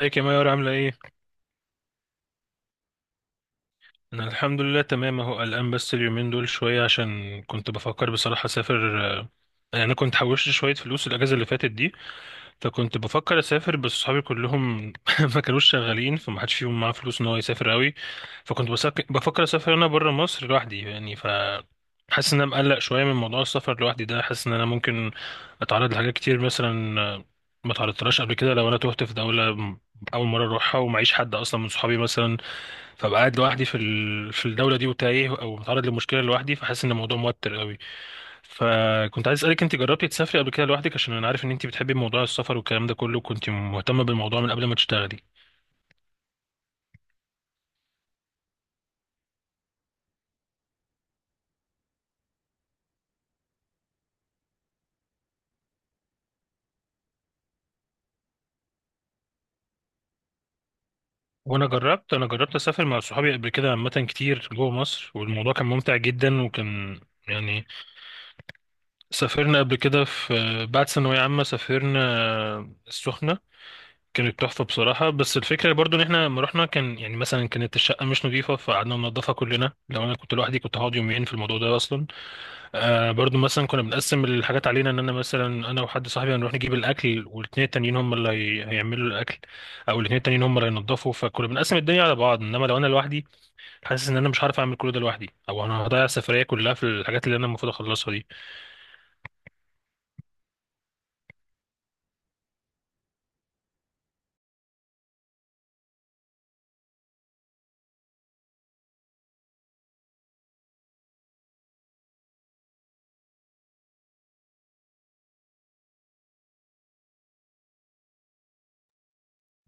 ازيك يا مايور؟ عاملة ايه؟ أنا الحمد لله تمام اهو، قلقان بس اليومين دول شوية عشان كنت بفكر بصراحة أسافر. يعني أنا كنت حوشت شوية فلوس الأجازة اللي فاتت دي. فكنت بفكر أسافر، بس صحابي كلهم ما كانوش شغالين، فما حدش فيهم معاه فلوس إن هو يسافر أوي. بفكر أسافر أنا برا مصر لوحدي، يعني حاسس إن أنا مقلق شوية من موضوع السفر لوحدي ده. حاسس إن أنا ممكن أتعرض لحاجات كتير مثلا، ما تعرضتلهاش قبل كده، لو أنا تهت في دولة أول مرة أروحها ومعيش حد أصلا من صحابي مثلا، فبقى قاعد لوحدي في الدوله دي وتايه او متعرض لمشكله لوحدي، فحاسس ان الموضوع موتر قوي. فكنت عايز اسالك، انت جربتي تسافري قبل كده لوحدك؟ عشان انا عارف ان انت بتحبي موضوع السفر والكلام ده كله، كنت مهتمه بالموضوع من قبل ما تشتغلي. وانا جربت، انا جربت اسافر مع صحابي قبل كده عامه كتير جوه مصر، والموضوع كان ممتع جدا وكان يعني. سافرنا قبل كده في بعد ثانويه عامه، سافرنا السخنه. كانت تحفة بصراحة، بس الفكرة برضو ان احنا لما رحنا كان يعني مثلا كانت الشقة مش نظيفة فقعدنا ننضفها كلنا. لو انا كنت لوحدي كنت هقعد يومين في الموضوع ده اصلا. برضو مثلا كنا بنقسم الحاجات علينا، ان انا مثلا انا وحد صاحبي هنروح نجيب الاكل والاتنين التانيين هم اللي هيعملوا الاكل، او الاتنين التانيين هم اللي هينضفوا. فكنا بنقسم الدنيا على بعض، انما لو انا لوحدي حاسس ان انا مش هعرف اعمل كل ده لوحدي، او انا هضيع السفرية كلها في الحاجات اللي انا المفروض اخلصها دي.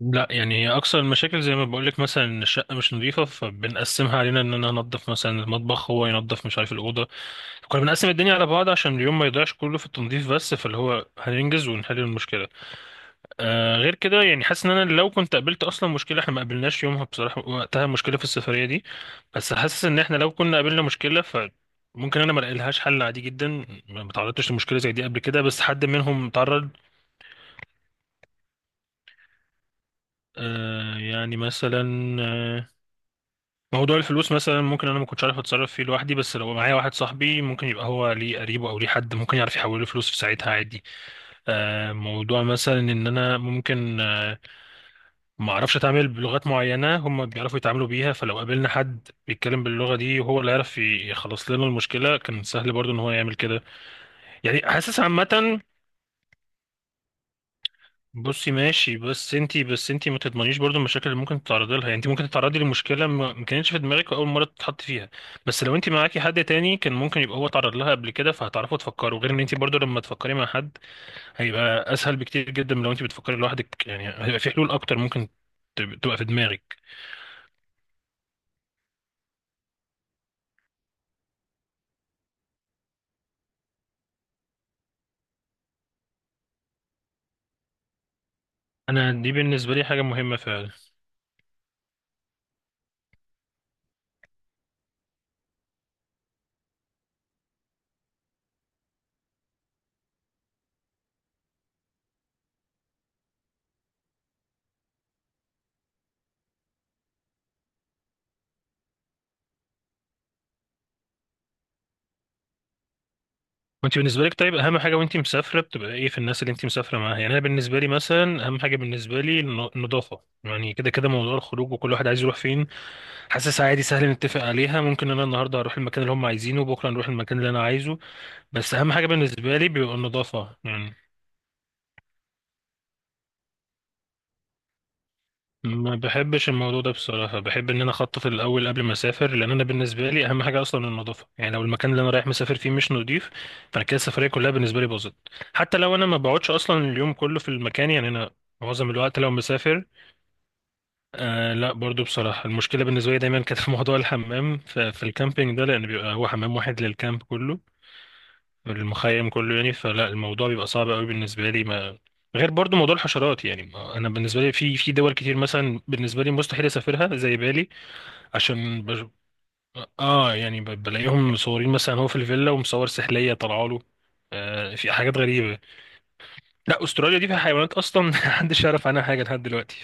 لا، يعني اكثر المشاكل زي ما بقولك مثلا إن الشقه مش نظيفه، فبنقسمها علينا ان انا انضف مثلا المطبخ، هو ينضف مش عارف الاوضه. كنا بنقسم الدنيا على بعض عشان اليوم ما يضيعش كله في التنظيف بس، فاللي هو هننجز ونحل المشكله. غير كده يعني حاسس ان انا لو كنت قابلت اصلا مشكله، احنا ما قابلناش يومها بصراحه وقتها مشكله في السفريه دي، بس حاسس ان احنا لو كنا قابلنا مشكله ممكن انا ما لقيلهاش حل عادي جدا. ما تعرضتش لمشكله زي دي قبل كده، بس حد منهم تعرض. يعني مثلا، موضوع الفلوس مثلا ممكن انا ما كنتش عارف اتصرف فيه لوحدي، بس لو معايا واحد صاحبي ممكن يبقى هو ليه قريبه او ليه حد ممكن يعرف يحول له فلوس في ساعتها عادي. موضوع مثلا ان انا ممكن، ما اعرفش اتعامل بلغات معينه هم بيعرفوا يتعاملوا بيها، فلو قابلنا حد بيتكلم باللغه دي وهو اللي يعرف يخلص لنا المشكله كان سهل برضو ان هو يعمل كده. يعني حاسس عامه. بصي ماشي، بس انتي ما تضمنيش برضو المشاكل اللي ممكن تتعرضي لها، يعني انتي ممكن تتعرضي لمشكله ما كانتش في دماغك اول مره تتحط فيها. بس لو انتي معاكي حد تاني كان ممكن يبقى هو اتعرض لها قبل كده، فهتعرفوا تفكروا، غير ان انتي برضو لما تفكري مع حد هيبقى اسهل بكتير جدا من لو انتي بتفكري لوحدك، يعني هيبقى في حلول اكتر ممكن تبقى في دماغك. انا دي بالنسبه لي حاجه مهمه فعلا. وانتي بالنسبه لك طيب اهم حاجه وانتي مسافره بتبقى ايه في الناس اللي انتي مسافره معاها؟ يعني انا بالنسبه لي مثلا اهم حاجه بالنسبه لي النظافه، يعني كده كده موضوع الخروج وكل واحد عايز يروح فين حاسس عادي سهل نتفق عليها، ممكن انا النهارده هروح المكان اللي هم عايزينه وبكره نروح المكان اللي انا عايزه. بس اهم حاجه بالنسبه لي بيبقى النظافه يعني. ما بحبش الموضوع ده بصراحه، بحب ان انا اخطط الاول قبل ما اسافر، لان انا بالنسبه لي اهم حاجه اصلا النظافه، يعني لو المكان اللي انا رايح مسافر فيه مش نظيف فانا كده السفريه كلها بالنسبه لي باظت، حتى لو انا ما بقعدش اصلا اليوم كله في المكان، يعني انا معظم الوقت لو مسافر. لا، برضو بصراحة المشكلة بالنسبة لي دايما كانت في موضوع الحمام في الكامبينج ده، لأن بيبقى هو حمام واحد للكامب كله، المخيم كله يعني، فلا الموضوع بيبقى صعب قوي بالنسبه لي ما غير برضو موضوع الحشرات، يعني ما انا بالنسبه لي في دول كتير مثلا بالنسبه لي مستحيل اسافرها زي بالي. عشان بج... اه يعني بلاقيهم مصورين مثلا، هو في الفيلا ومصور سحليه طالعه له. في حاجات غريبه. لا استراليا دي فيها حيوانات اصلا محدش يعرف عنها حاجه لحد دلوقتي،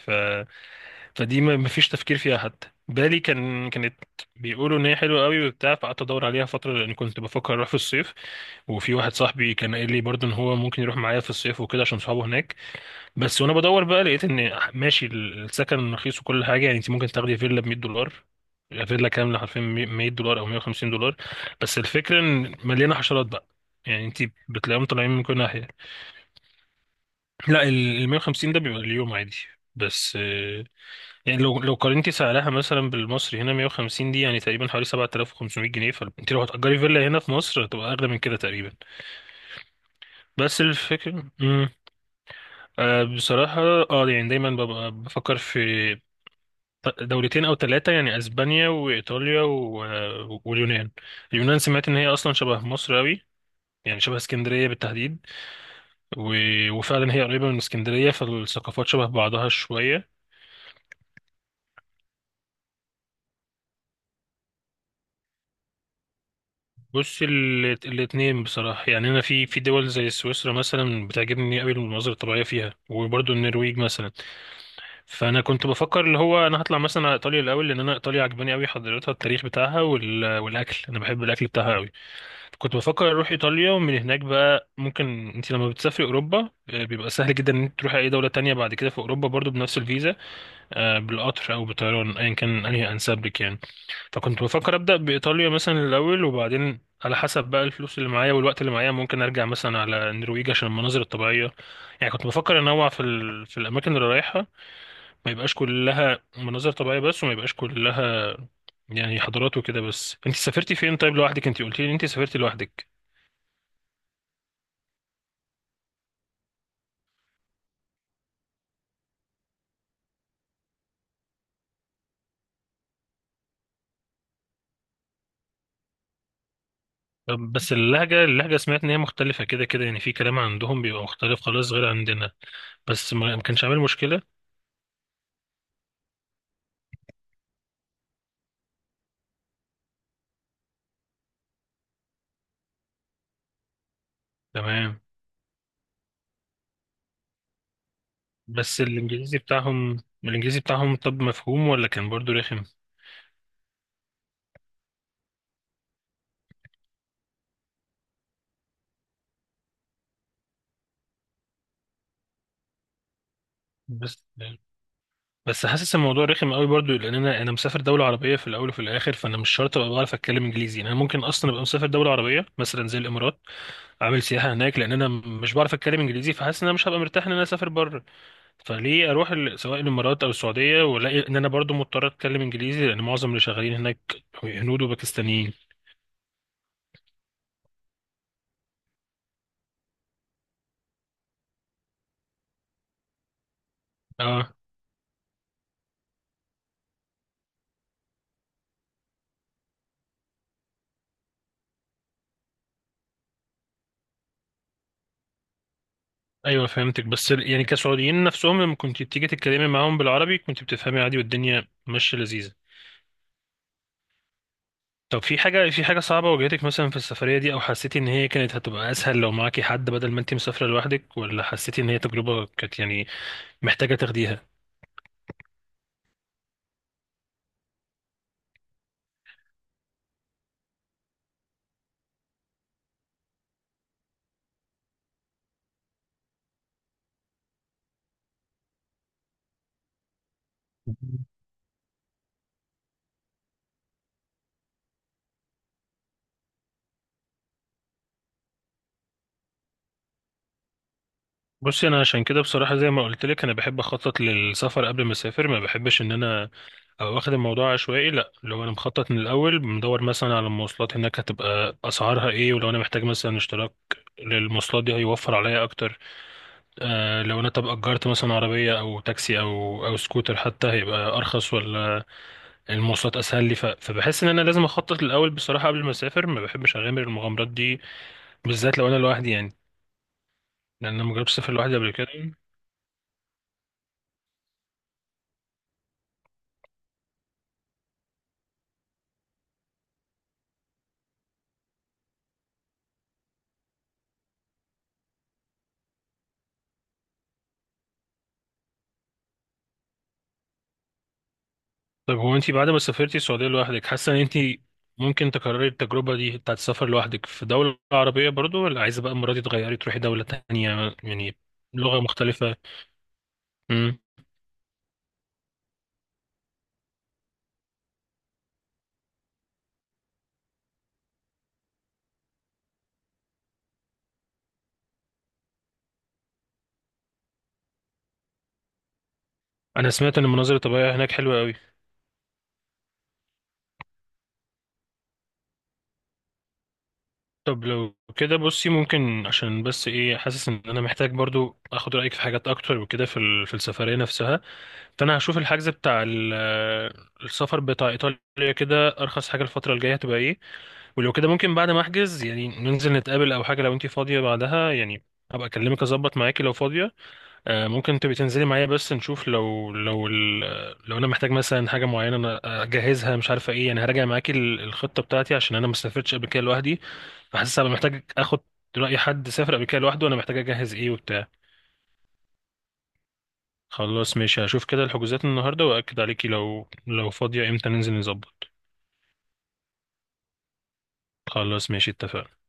فدي ما فيش تفكير فيها. حتى بالي كانت بيقولوا ان هي حلوه قوي وبتاع، فقعدت ادور عليها فتره لان كنت بفكر اروح في الصيف. وفي واحد صاحبي كان قال لي برضه ان هو ممكن يروح معايا في الصيف وكده عشان صحابه هناك. بس وانا بدور بقى لقيت ان ماشي السكن رخيص وكل حاجه، يعني انت ممكن تاخدي فيلا ب $100، فيلا كامله حرفيا $100 او $150. بس الفكره ان مليانه حشرات بقى، يعني انت بتلاقيهم طالعين من كل ناحيه. لا ال 150 ده بيبقى اليوم عادي، بس يعني لو قارنتي سعرها مثلا بالمصري هنا 150 دي يعني تقريبا حوالي 7500 جنيه، فانت لو هتأجري فيلا هنا في مصر هتبقى أغلى من كده تقريبا. بس الفكرة بصراحة، اه يعني دايما ببقى بفكر في دولتين أو ثلاثة، يعني أسبانيا وإيطاليا و... آه، واليونان. اليونان سمعت إن هي أصلا شبه مصر أوي، يعني شبه اسكندرية بالتحديد. و... وفعلا هي قريبة من اسكندرية فالثقافات شبه بعضها شوية. بص الاتنين بصراحة، يعني أنا في دول زي سويسرا مثلا بتعجبني أوي المناظر الطبيعية فيها، وبرضه النرويج مثلا. فأنا كنت بفكر اللي هو أنا هطلع مثلا على إيطاليا الأول، لأن أنا إيطاليا عجباني أوي حضارتها، التاريخ بتاعها والأكل، أنا بحب الأكل بتاعها أوي. كنت بفكر أروح إيطاليا، ومن هناك بقى ممكن، أنت لما بتسافري أوروبا، بيبقى سهل جدا إن أنت تروحي أي دولة تانية بعد كده في أوروبا برضه بنفس الفيزا، بالقطر أو بالطيران أيا كان أنهي أنسب لك يعني. فكنت بفكر أبدأ بإيطاليا مثلا الأول، وبعدين على حسب بقى الفلوس اللي معايا والوقت اللي معايا ممكن أرجع مثلا على النرويج عشان المناظر الطبيعية. يعني كنت بفكر أنوع في الأماكن اللي رايحها، ما يبقاش كلها مناظر طبيعية بس، وما يبقاش كلها يعني حضارات وكده. بس أنت سافرتي فين طيب لوحدك؟ أنت قلتي لي أنت سافرتي لوحدك. طب بس اللهجة سمعت إن هي مختلفة، كده كده يعني في كلام عندهم بيبقى مختلف خالص غير عندنا، بس ما كانش عامل مشكلة؟ تمام. بس الانجليزي بتاعهم، الانجليزي بتاعهم طب مفهوم ولا كان برضو رخم؟ بس حاسس الموضوع رخم قوي برضو، لان انا مسافر دوله عربيه في الاول وفي الاخر، فانا مش شرط ابقى بعرف اتكلم انجليزي، يعني انا ممكن اصلا ابقى مسافر دوله عربيه مثلا زي الامارات عامل سياحه هناك، لان انا مش بعرف اتكلم انجليزي، فحاسس ان انا مش هبقى مرتاح ان انا اسافر بره. فليه اروح سواء الامارات او السعوديه والاقي ان انا برضو مضطر اتكلم انجليزي، لان معظم اللي شغالين هناك هنود وباكستانيين. اه ايوه فهمتك، بس يعني كسعوديين نفسهم لما كنت بتيجي تتكلمي معاهم بالعربي كنت بتفهمي عادي والدنيا ماشيه لذيذه؟ طب في حاجه، في حاجه صعبه واجهتك مثلا في السفريه دي، او حسيتي ان هي كانت هتبقى اسهل لو معاكي حد بدل ما انت مسافره لوحدك، ولا حسيتي ان هي تجربه كانت يعني محتاجه تاخديها؟ بصي انا عشان كده بصراحه، زي ما قلت لك انا بحب اخطط للسفر قبل ما اسافر، ما بحبش ان انا أو واخد الموضوع عشوائي، لا لو انا مخطط من الاول مدور مثلا على المواصلات هناك هتبقى اسعارها ايه، ولو انا محتاج مثلا اشتراك للمواصلات دي هيوفر عليا اكتر. لو انا طب اجرت مثلا عربيه او تاكسي او سكوتر حتى هيبقى ارخص، ولا المواصلات اسهل لي فبحس ان انا لازم اخطط الاول بصراحه قبل ما اسافر، ما بحبش اغامر المغامرات دي بالذات لو انا لوحدي يعني، لان انا مجربتش اسافر لوحدي قبل كده. طب هو انت بعد ما سافرتي السعودية لوحدك حاسة ان انت ممكن تكرري التجربة دي بتاعت السفر لوحدك في دولة عربية برضو، ولا عايزة بقى المرة دي تغيري تروحي دولة تانية يعني لغة مختلفة؟ امم انا سمعت ان المناظر الطبيعية هناك حلوة قوي. طب لو كده بصي ممكن عشان بس ايه، حاسس ان انا محتاج برضو اخد رأيك في حاجات اكتر وكده في السفرية نفسها، فانا هشوف الحجز بتاع السفر بتاع ايطاليا كده ارخص حاجة الفترة الجاية هتبقى ايه، ولو كده ممكن بعد ما احجز يعني ننزل نتقابل او حاجه لو انتي فاضيه بعدها يعني، هبقى اكلمك اظبط معاكي لو فاضيه. ممكن تبقي تنزلي معايا بس نشوف لو انا محتاج مثلا حاجه معينه انا اجهزها مش عارفه ايه، يعني هراجع معاكي الخطه بتاعتي عشان انا ما سافرتش قبل كده لوحدي، فحاسس هبقى محتاج اخد راي حد سافر قبل كده لوحده، وانا محتاج اجهز ايه وبتاع. خلاص ماشي، هشوف كده الحجوزات النهارده واكد عليكي لو فاضيه امتى ننزل نظبط. خلاص ماشي اتفقنا.